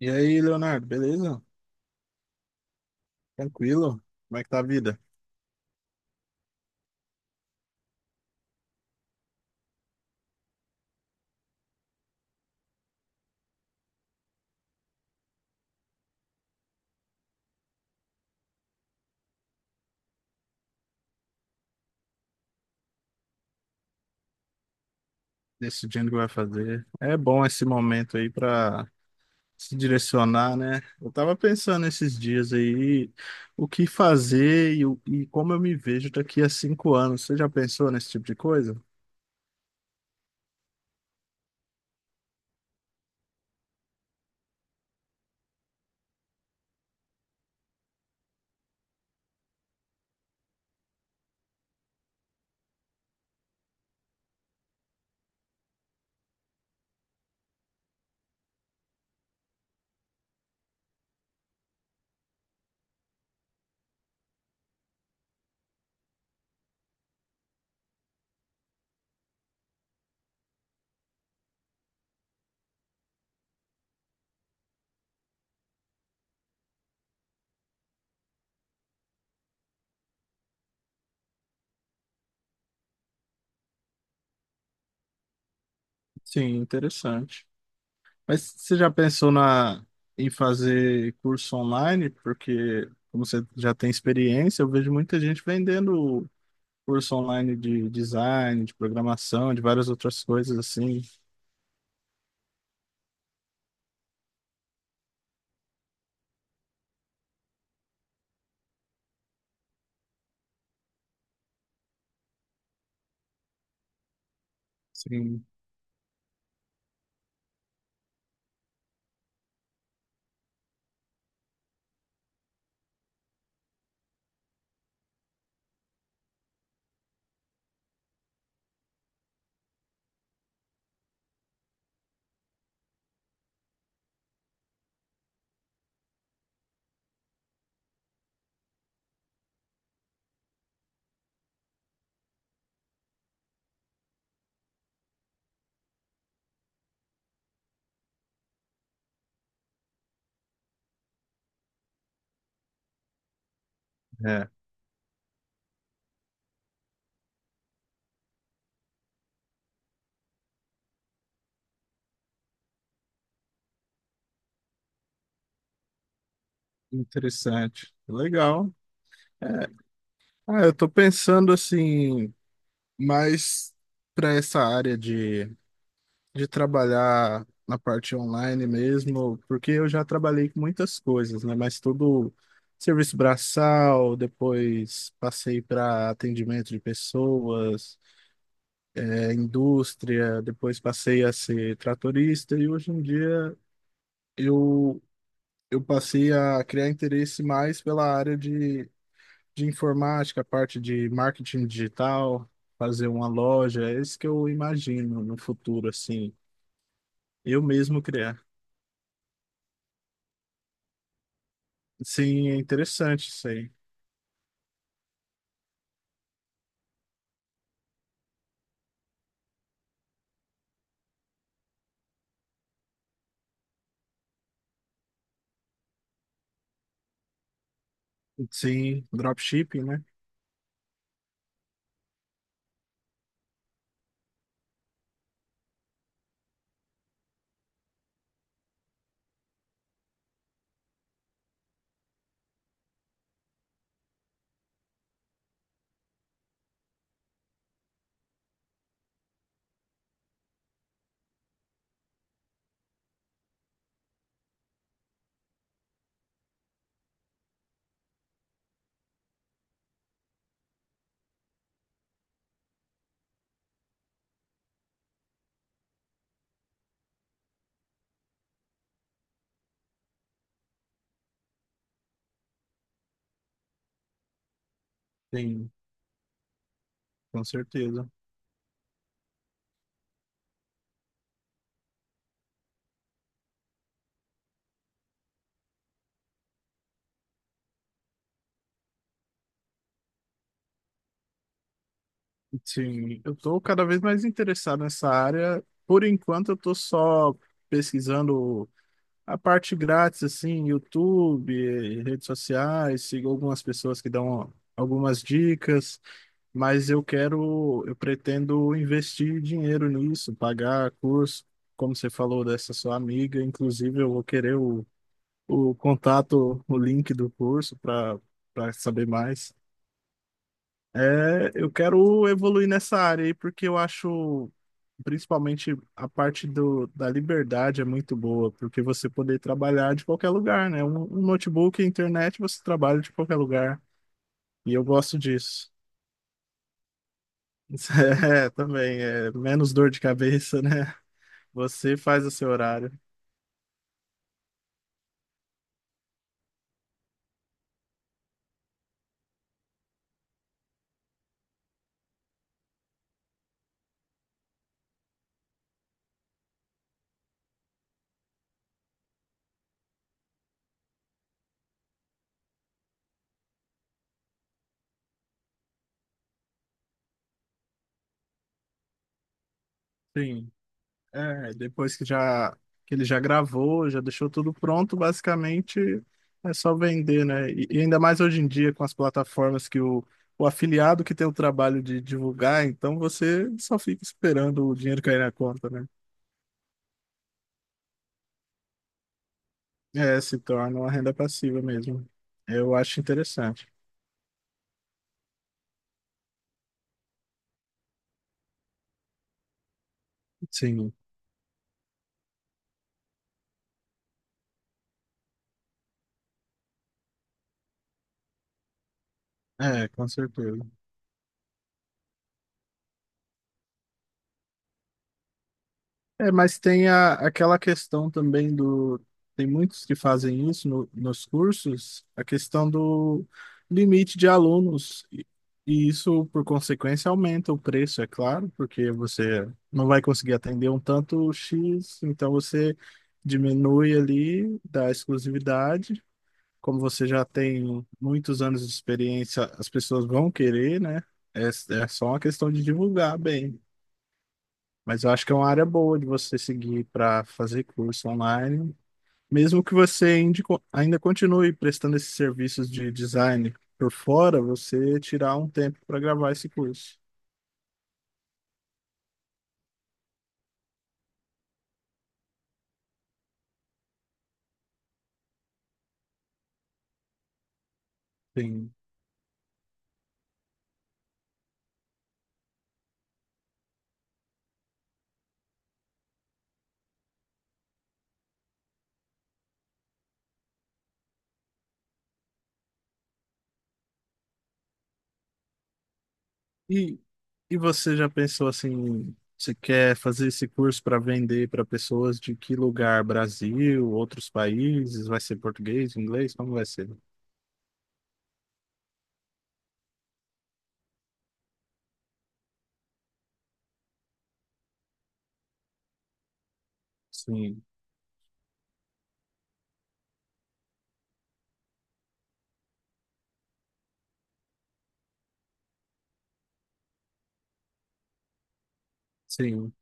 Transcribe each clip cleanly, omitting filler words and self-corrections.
E aí, Leonardo, beleza? Tranquilo? Como é que tá a vida? Decidindo o que vai fazer. É bom esse momento aí para se direcionar, né? Eu tava pensando esses dias aí o que fazer e como eu me vejo daqui a 5 anos. Você já pensou nesse tipo de coisa? Sim, interessante. Mas você já pensou em fazer curso online? Porque, como você já tem experiência, eu vejo muita gente vendendo curso online de design, de programação, de várias outras coisas assim. Sim, é interessante. Legal. É. Ah, eu tô pensando assim, mais para essa área de trabalhar na parte online mesmo, porque eu já trabalhei com muitas coisas, né? Mas tudo serviço braçal, depois passei para atendimento de pessoas, é, indústria, depois passei a ser tratorista e hoje em dia eu, eu passei a criar interesse mais pela área de informática, parte de marketing digital, fazer uma loja, é isso que eu imagino no futuro, assim, eu mesmo criar. Sim, é interessante isso aí. Sim, dropshipping, né? Sim, com certeza. Sim, eu estou cada vez mais interessado nessa área. Por enquanto, eu estou só pesquisando a parte grátis, assim, YouTube, redes sociais, sigo algumas pessoas que dão algumas dicas, mas eu pretendo investir dinheiro nisso, pagar curso, como você falou dessa sua amiga, inclusive eu vou querer o contato, o link do curso para saber mais. É, eu quero evoluir nessa área aí, porque eu acho, principalmente, a parte da liberdade é muito boa, porque você poder trabalhar de qualquer lugar, né? Um notebook, internet, você trabalha de qualquer lugar. E eu gosto disso. É, também, é menos dor de cabeça, né? Você faz o seu horário. Sim. É, depois que já que ele já gravou, já deixou tudo pronto, basicamente é só vender, né? E ainda mais hoje em dia com as plataformas que o afiliado que tem o trabalho de divulgar, então você só fica esperando o dinheiro cair na conta, né? É, se torna uma renda passiva mesmo. Eu acho interessante. Sim, com certeza. É, mas tem aquela questão também do. Tem muitos que fazem isso nos cursos, a questão do limite de alunos. E isso, por consequência, aumenta o preço, é claro, porque você não vai conseguir atender um tanto X, então você diminui ali da exclusividade. Como você já tem muitos anos de experiência, as pessoas vão querer, né? É só uma questão de divulgar bem. Mas eu acho que é uma área boa de você seguir para fazer curso online, mesmo que você ainda ainda continue prestando esses serviços de design por fora, você tirar um tempo para gravar esse curso. Sim. E, e você já pensou assim, você quer fazer esse curso para vender para pessoas de que lugar? Brasil, outros países? Vai ser português, inglês? Como vai ser? Sim, sim.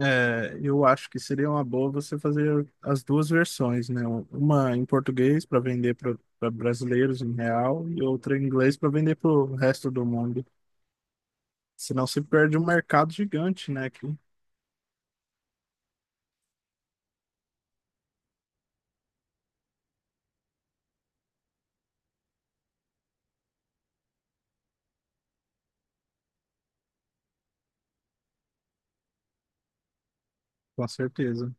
É, eu acho que seria uma boa você fazer as duas versões, né? Uma em português para vender para brasileiros em real e outra em inglês para vender para o resto do mundo. Senão se perde um mercado gigante, né? Aqui, com certeza.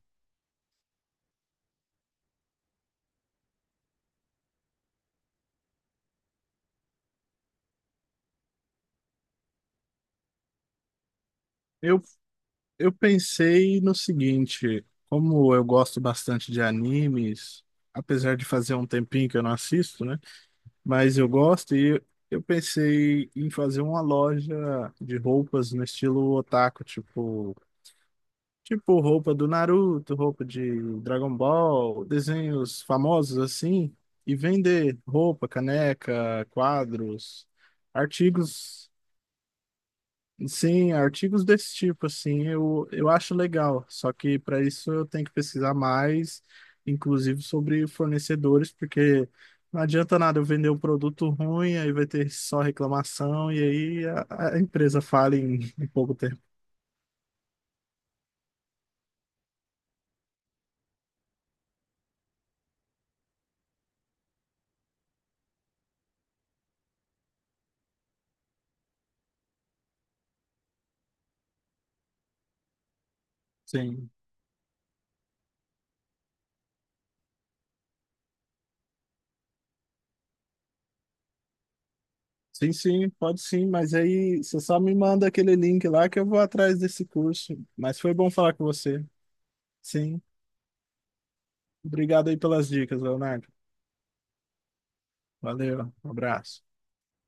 Eu, eu pensei no seguinte, como eu gosto bastante de animes, apesar de fazer um tempinho que eu não assisto, né? Mas eu gosto e eu pensei em fazer uma loja de roupas no estilo otaku, tipo tipo roupa do Naruto, roupa de Dragon Ball, desenhos famosos assim, e vender roupa, caneca, quadros, artigos, sim, artigos desse tipo assim, eu acho legal. Só que para isso eu tenho que pesquisar mais, inclusive sobre fornecedores, porque não adianta nada eu vender um produto ruim, aí vai ter só reclamação e aí a empresa fala em pouco tempo. Sim. Sim, Pode sim, mas aí você só me manda aquele link lá que eu vou atrás desse curso. Mas foi bom falar com você. Sim, obrigado aí pelas dicas, Leonardo. Valeu, um abraço.